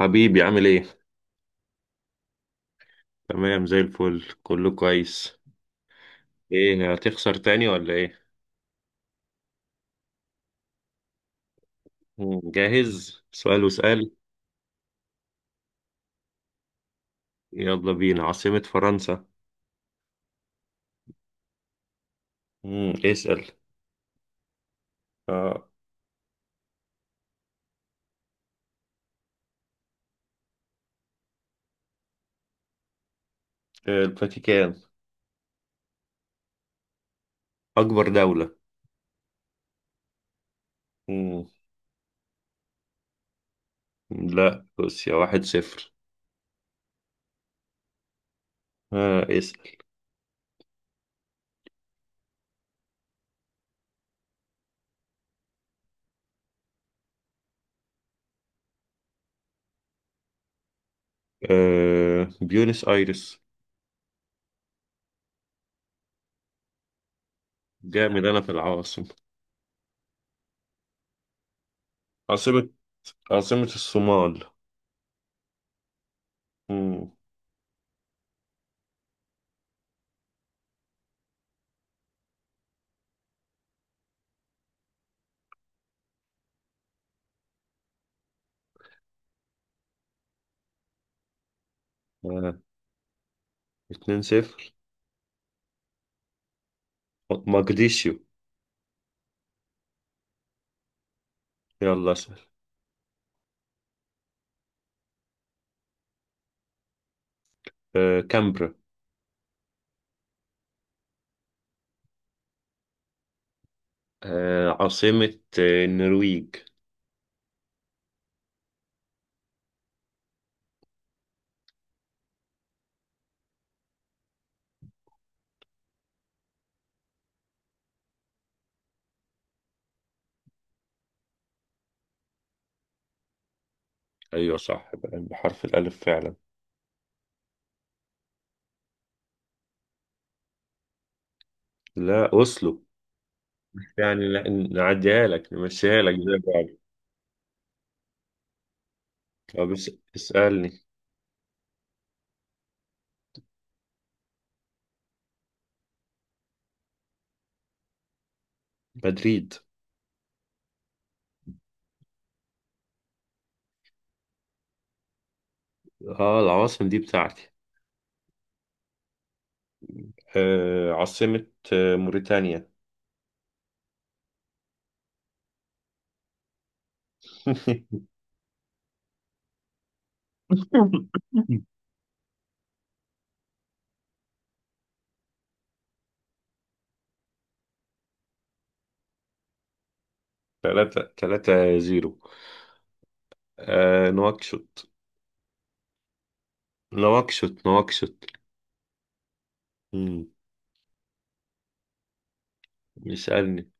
حبيبي عامل ايه؟ تمام زي الفل كله كويس. ايه هتخسر تاني ولا ايه؟ جاهز؟ سؤال وسؤال. يلا بينا عاصمة فرنسا. مم. اسأل. اه الفاتيكان. أكبر دولة. مم. لا روسيا 1-0. آه اسأل. بيونس آيرس. جامد أنا في العواصم. عاصمة. عاصمة الصومال. مم. آه. 2-0. مقديشيو. يلا اسأل. كامبرا. آه عاصمة النرويج. أيوة صح بحرف الألف فعلا. لا أوسلو. يعني نعديها لك نمشيها لك زي بعض. بس اسألني. مدريد. اه العواصم دي بتاعتي. آه عاصمة موريتانيا. تلاتة تلاتة زيرو. نواكشوط. نواكشوط. نواكشوط. مم، اسألني.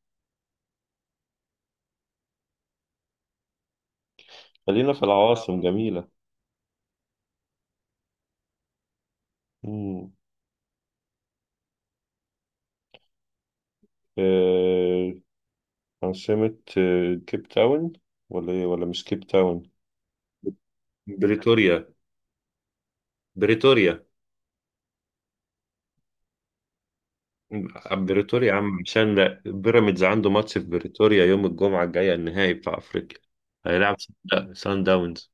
خلينا في العواصم جميلة. مم. آه عاصمة كيب تاون. ولا ايه ولا مش كيب تاون؟ بريتوريا. بريتوريا. بريتوريا يا عم عشان لا بيراميدز عنده ماتش في بريتوريا يوم الجمعة الجاية النهائي بتاع أفريقيا. هيلعب. سان داونز.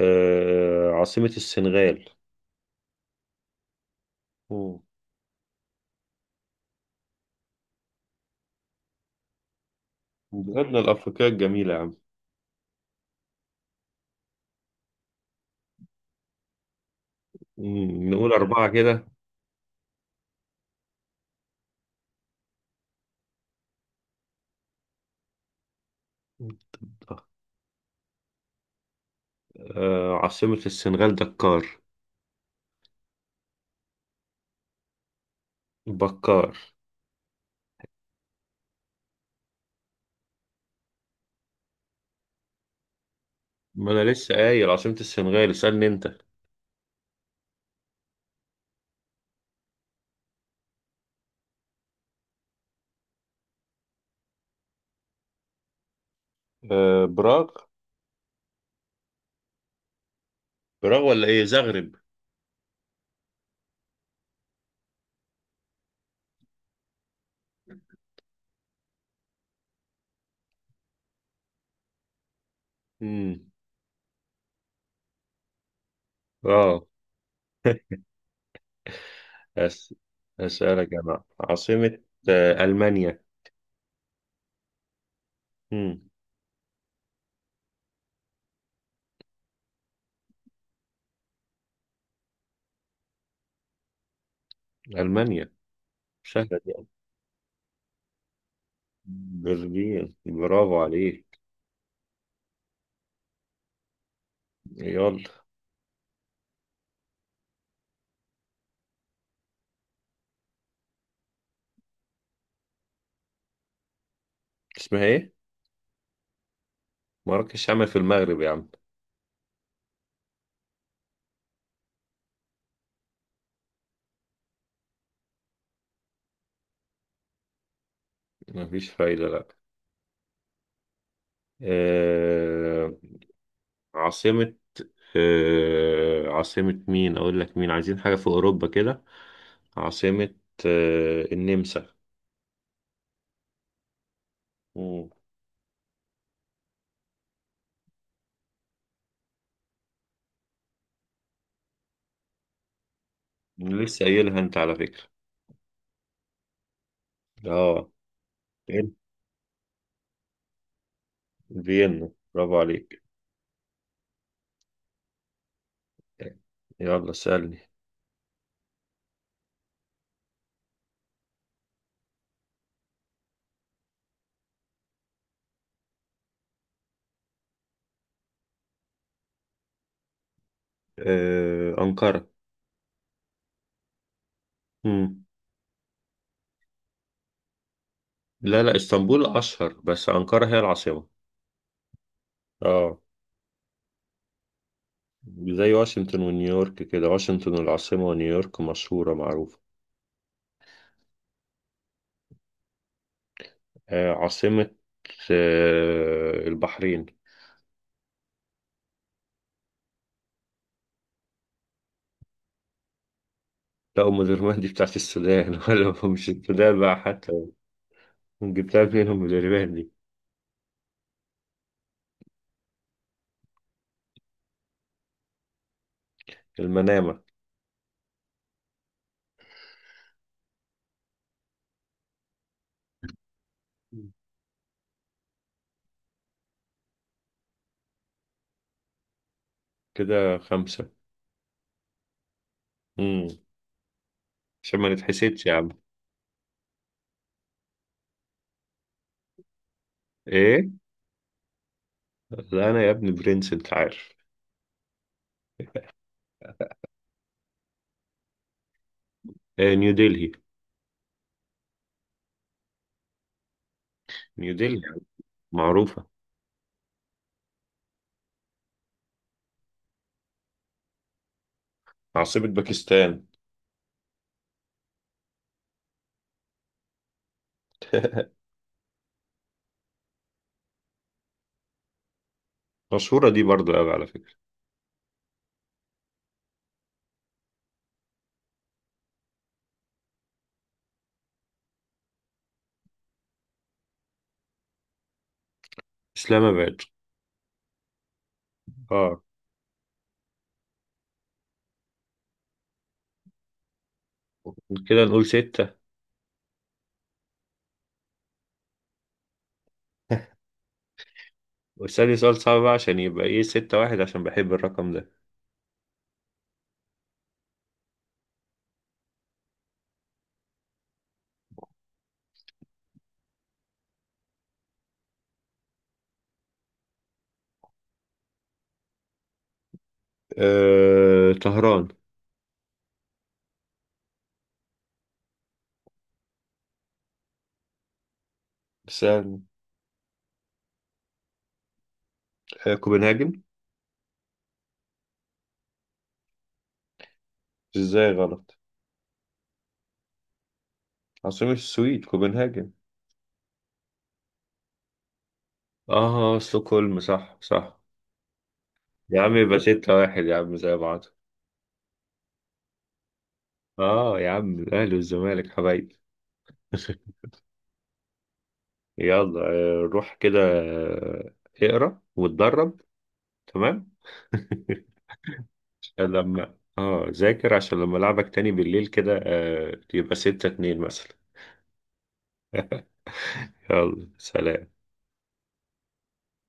عاصمة السنغال. مم. بلادنا الأفريقية الجميلة يا عم. نقول أربعة كده. عاصمة السنغال دكار. بكار. ما أنا لسه قايل عاصمة السنغال. اسألني أنت. براغ. براغ ولا إيه زغرب؟ امم. اه. أس... اسالك انا عاصمة. المانيا. امم. المانيا. سهلة دي أوي. برلين برافو عليك. يلا. اسمها ايه؟ مراكش عمل في المغرب يا عم. مفيش فايدة لا. آه... عاصمة. عاصمة مين اقول لك مين عايزين حاجة في اوروبا كده. عاصمة النمسا. امم. لسه قايلها انت على فكرة. اه. فين؟ فيينا برافو عليك. يلا سألني. أنقرة. مم. لا لا اسطنبول أشهر بس أنقرة هي العاصمة. اه. زي واشنطن ونيويورك كده. واشنطن العاصمة ونيويورك مشهورة معروفة. آه عاصمة البحرين. لا أم درمان دي بتاعت السودان ولا مش السودان بقى حتى. جبتها منين أم درمان دي؟ المنامة. كده خمسة. مم. عشان ما نتحسدش يا عم. ايه. لا أنا يا ابني برنس أنت عارف. نيودلهي. نيودلهي معروفة. عاصمة باكستان. مشهورة دي برضو أوي على فكرة. إسلام آباد. اه. كده نقول ستة. واسألني سؤال صعب بقى عشان يبقى إيه 6-1 عشان بحب الرقم ده. طهران. سأل. كوبنهاجن. إزاي غلط؟ عاصمة السويد كوبنهاجن. آه ستوكهولم صح صح. يا عم يبقى 6-1 يا عم زي بعض. آه يا عم الأهلي والزمالك حبايبي. يلا روح كده اقرا واتدرب. تمام. لما ذاكر عشان لما العبك تاني بالليل كده تبقى 6-2 مثلا. يلا سلام.